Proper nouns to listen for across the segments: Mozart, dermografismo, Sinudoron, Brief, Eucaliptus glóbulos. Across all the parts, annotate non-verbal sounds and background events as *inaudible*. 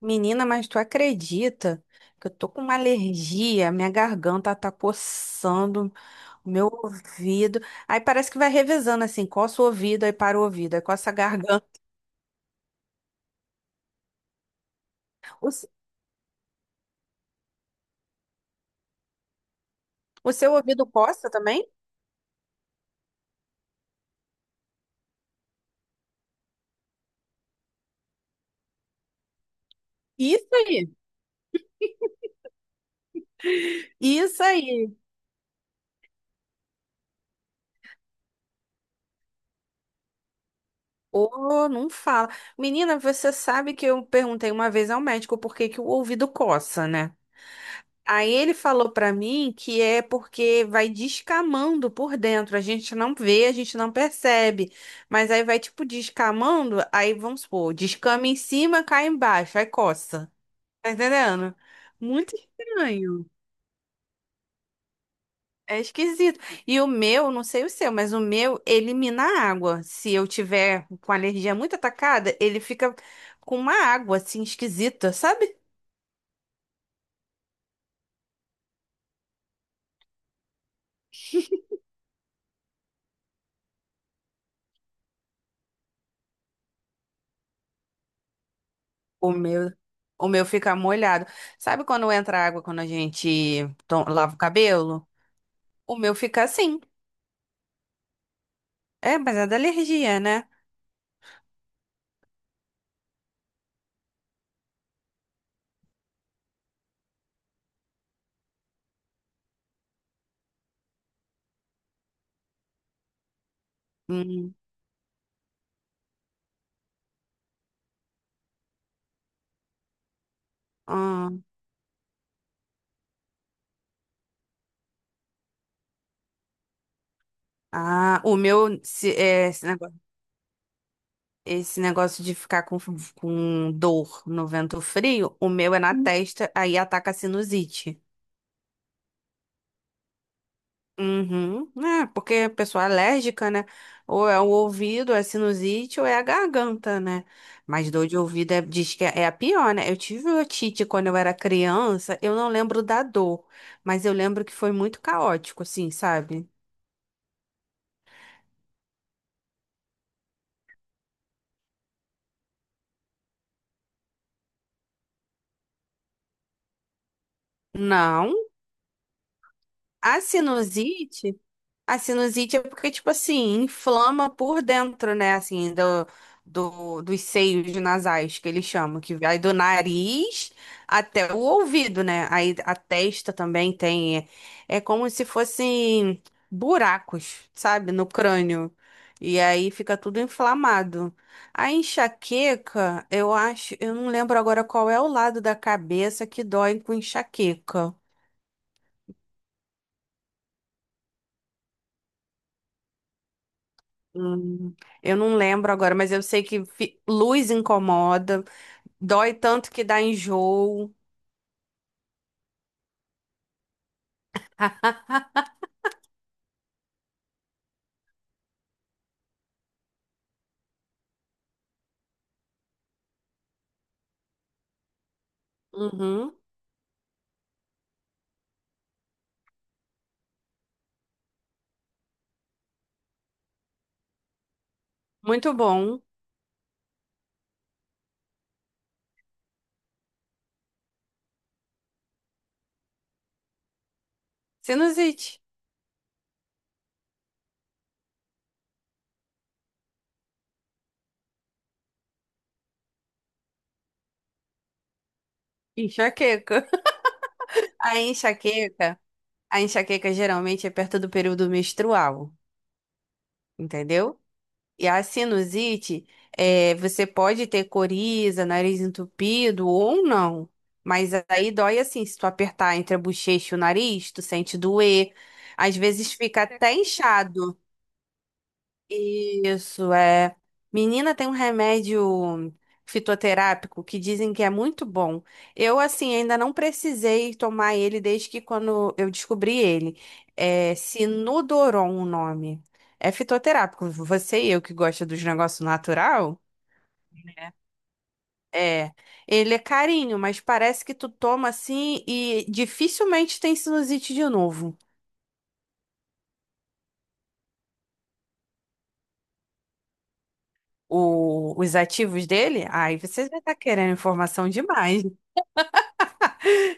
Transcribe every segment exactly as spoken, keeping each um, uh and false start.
Menina, mas tu acredita que eu tô com uma alergia, minha garganta tá coçando, o meu ouvido. Aí parece que vai revezando assim, coça o ouvido, aí para o ouvido, aí coça a garganta. O, s- o seu ouvido coça também? Isso aí, isso aí. Ô, não fala. Menina, você sabe que eu perguntei uma vez ao médico por que que o ouvido coça, né? Aí ele falou pra mim que é porque vai descamando por dentro, a gente não vê, a gente não percebe, mas aí vai tipo descamando, aí vamos supor, descama em cima, cai embaixo, aí coça. Tá entendendo? Muito estranho. É esquisito. E o meu, não sei o seu, mas o meu elimina a água. Se eu tiver com a alergia muito atacada, ele fica com uma água assim esquisita, sabe? O meu, o meu fica molhado. Sabe quando entra água quando a gente to- lava o cabelo? O meu fica assim. É, mas é da alergia, né? Hum, hum. Ah, o meu, se- é, esse negócio, esse negócio de ficar com, com dor no vento frio, o meu é na Hum. testa, aí ataca a sinusite. Uhum. É, porque a pessoa é alérgica, né? Ou é o ouvido, é sinusite, ou é a garganta, né? Mas dor de ouvido é, diz que é é a pior, né? Eu tive otite quando eu era criança, eu não lembro da dor, mas eu lembro que foi muito caótico, assim, sabe? Não. A sinusite. A sinusite é porque, tipo assim, inflama por dentro, né? Assim, do, do, dos seios nasais, que eles chamam, que vai do nariz até o ouvido, né? Aí a testa também tem. É, é como se fossem buracos, sabe? No crânio. E aí fica tudo inflamado. A enxaqueca, eu acho, eu não lembro agora qual é o lado da cabeça que dói com enxaqueca. Hum, eu não lembro agora, mas eu sei que fi- luz incomoda, dói tanto que dá enjoo. Uhum, muito bom. Sinusite, enxaqueca. *laughs* A enxaqueca, a enxaqueca geralmente é perto do período menstrual, entendeu? E a sinusite, é, você pode ter coriza, nariz entupido ou não. Mas aí dói assim, se tu apertar entre a bochecha e o nariz, tu sente doer. Às vezes fica até inchado. Isso é. Menina, tem um remédio fitoterápico que dizem que é muito bom. Eu, assim, ainda não precisei tomar ele desde que quando eu descobri ele. É Sinudoron o nome. É fitoterápico. Você e eu que gosta dos negócios natural, é. Ele é carinho, mas parece que tu toma assim e dificilmente tem sinusite de novo. O- os ativos dele, aí vocês vão estar querendo informação demais.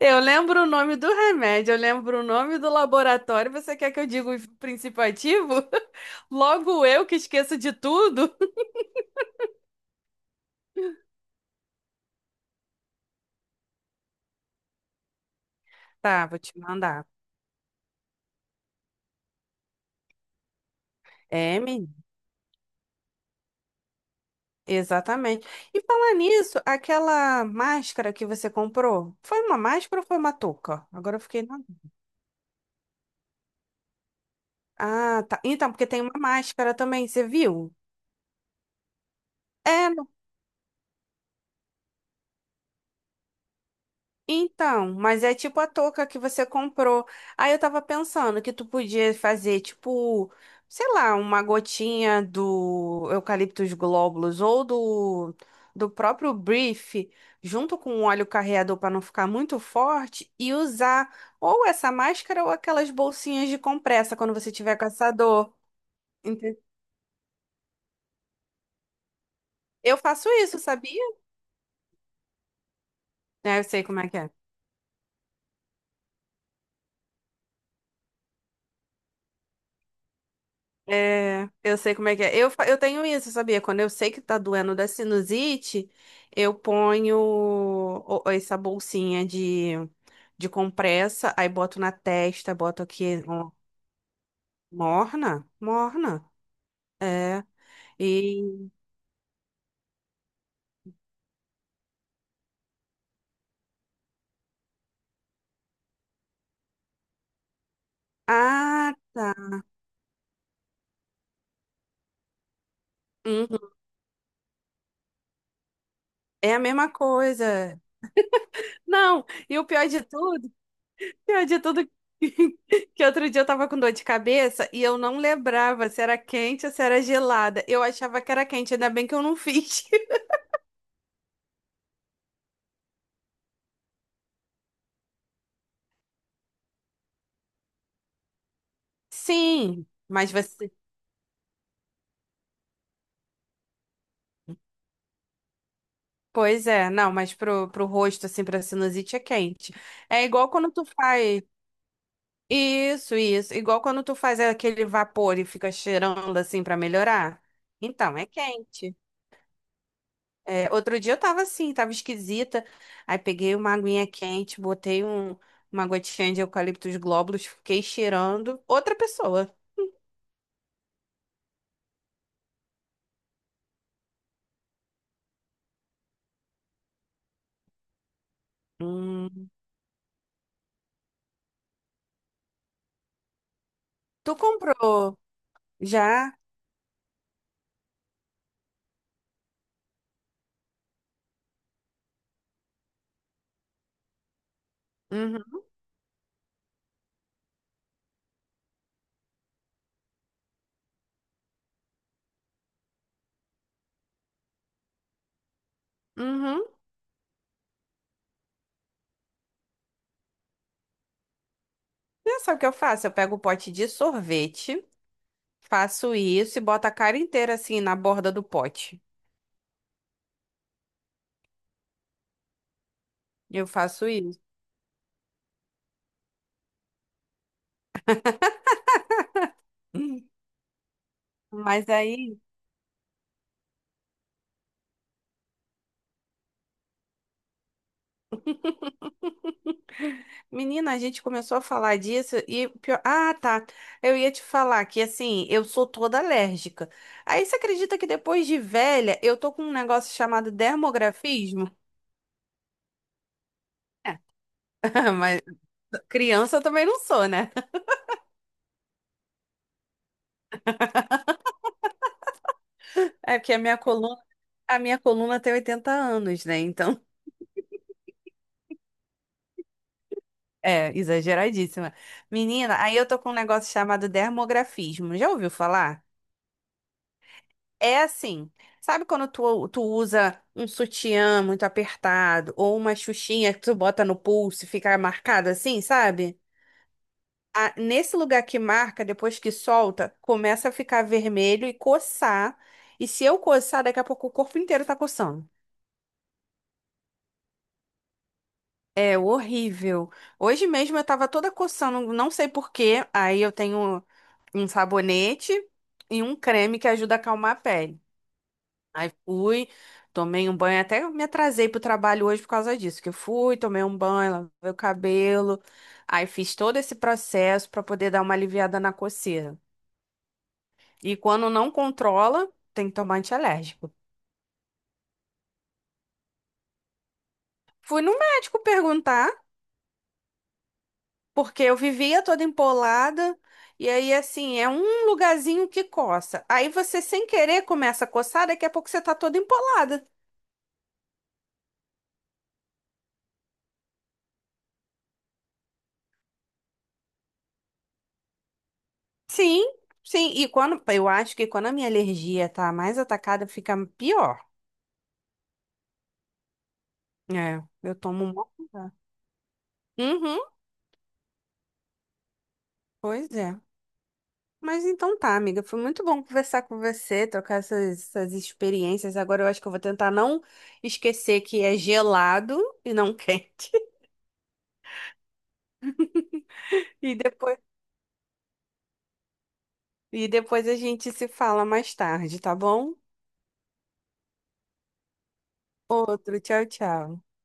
Eu lembro o nome do remédio, eu lembro o nome do laboratório. Você quer que eu diga o princípio ativo? *laughs* Logo eu que esqueço de tudo. Tá, vou te mandar. É, menina, exatamente. E falar nisso, aquela máscara que você comprou, foi uma máscara ou foi uma touca? Agora eu fiquei na... Ah, tá. Então, porque tem uma máscara também, você viu? É, então, mas é tipo a touca que você comprou. Aí eu tava pensando que tu podia fazer, tipo, sei lá, uma gotinha do Eucaliptus glóbulos ou do, do próprio Brief, junto com o óleo carreador para não ficar muito forte, e usar ou essa máscara ou aquelas bolsinhas de compressa quando você tiver com essa dor. Ente- Eu faço isso, sabia? É, eu sei como é que é. É, eu sei como é que é. Eu, fa- eu tenho isso, sabia? Quando eu sei que tá doendo da sinusite, eu ponho o- o- essa bolsinha de, de compressa, aí boto na testa, boto aqui, ó, morna, morna. É. E. Ah, uhum, é a mesma coisa. Não, e o pior de tudo, pior de tudo, *laughs* que outro dia eu tava com dor de cabeça e eu não lembrava se era quente ou se era gelada. Eu achava que era quente, ainda bem que eu não *laughs* fiz. Sim, mas você. Pois é, não, mas pro, pro rosto, assim, pra sinusite é quente. É igual quando tu faz. Isso, isso. Igual quando tu faz aquele vapor e fica cheirando, assim, pra melhorar. Então, é quente. É, outro dia eu tava assim, tava esquisita. Aí peguei uma aguinha quente, botei um, uma gotinha de eucaliptus glóbulos, fiquei cheirando. Outra pessoa. Hum. Tu comprou já? Uhum. Uhum. Já sabe o que eu faço? Eu pego o pote de sorvete. Faço isso e boto a cara inteira assim na borda do pote. Eu faço isso. Hum. Mas aí, menina, a gente começou a falar disso e pior... Ah, tá. Eu ia te falar que assim, eu sou toda alérgica. Aí você acredita que depois de velha, eu tô com um negócio chamado dermografismo? É. *laughs* Mas criança eu também não sou, né? É porque a minha coluna, a minha coluna tem oitenta anos, né? Então, é exageradíssima. Menina, aí eu tô com um negócio chamado dermografismo. Já ouviu falar? É assim, sabe quando tu, tu usa um sutiã muito apertado ou uma xuxinha que tu bota no pulso e fica marcado assim, sabe? Ah, nesse lugar que marca, depois que solta, começa a ficar vermelho e coçar. E se eu coçar, daqui a pouco o corpo inteiro tá coçando. É horrível. Hoje mesmo eu tava toda coçando, não sei por quê. Aí eu tenho um sabonete e um creme que ajuda a acalmar a pele. Aí fui, tomei um banho, até me atrasei pro trabalho hoje por causa disso, que eu fui, tomei um banho, lavei o cabelo, aí fiz todo esse processo pra poder dar uma aliviada na coceira. E quando não controla, tem que tomar antialérgico. Fui no médico perguntar, porque eu vivia toda empolada, e aí assim, é um lugarzinho que coça. Aí você sem querer começa a coçar, daqui a pouco você tá toda empolada. Sim, sim, e quando eu acho que quando a minha alergia tá mais atacada, fica pior. É, eu tomo um bom cuidado. Uhum, pois é. Mas então tá, amiga. Foi muito bom conversar com você, trocar essas, essas experiências. Agora eu acho que eu vou tentar não esquecer que é gelado e não quente. *laughs* E depois, e depois a gente se fala mais tarde, tá bom? Outro, tchau, tchau.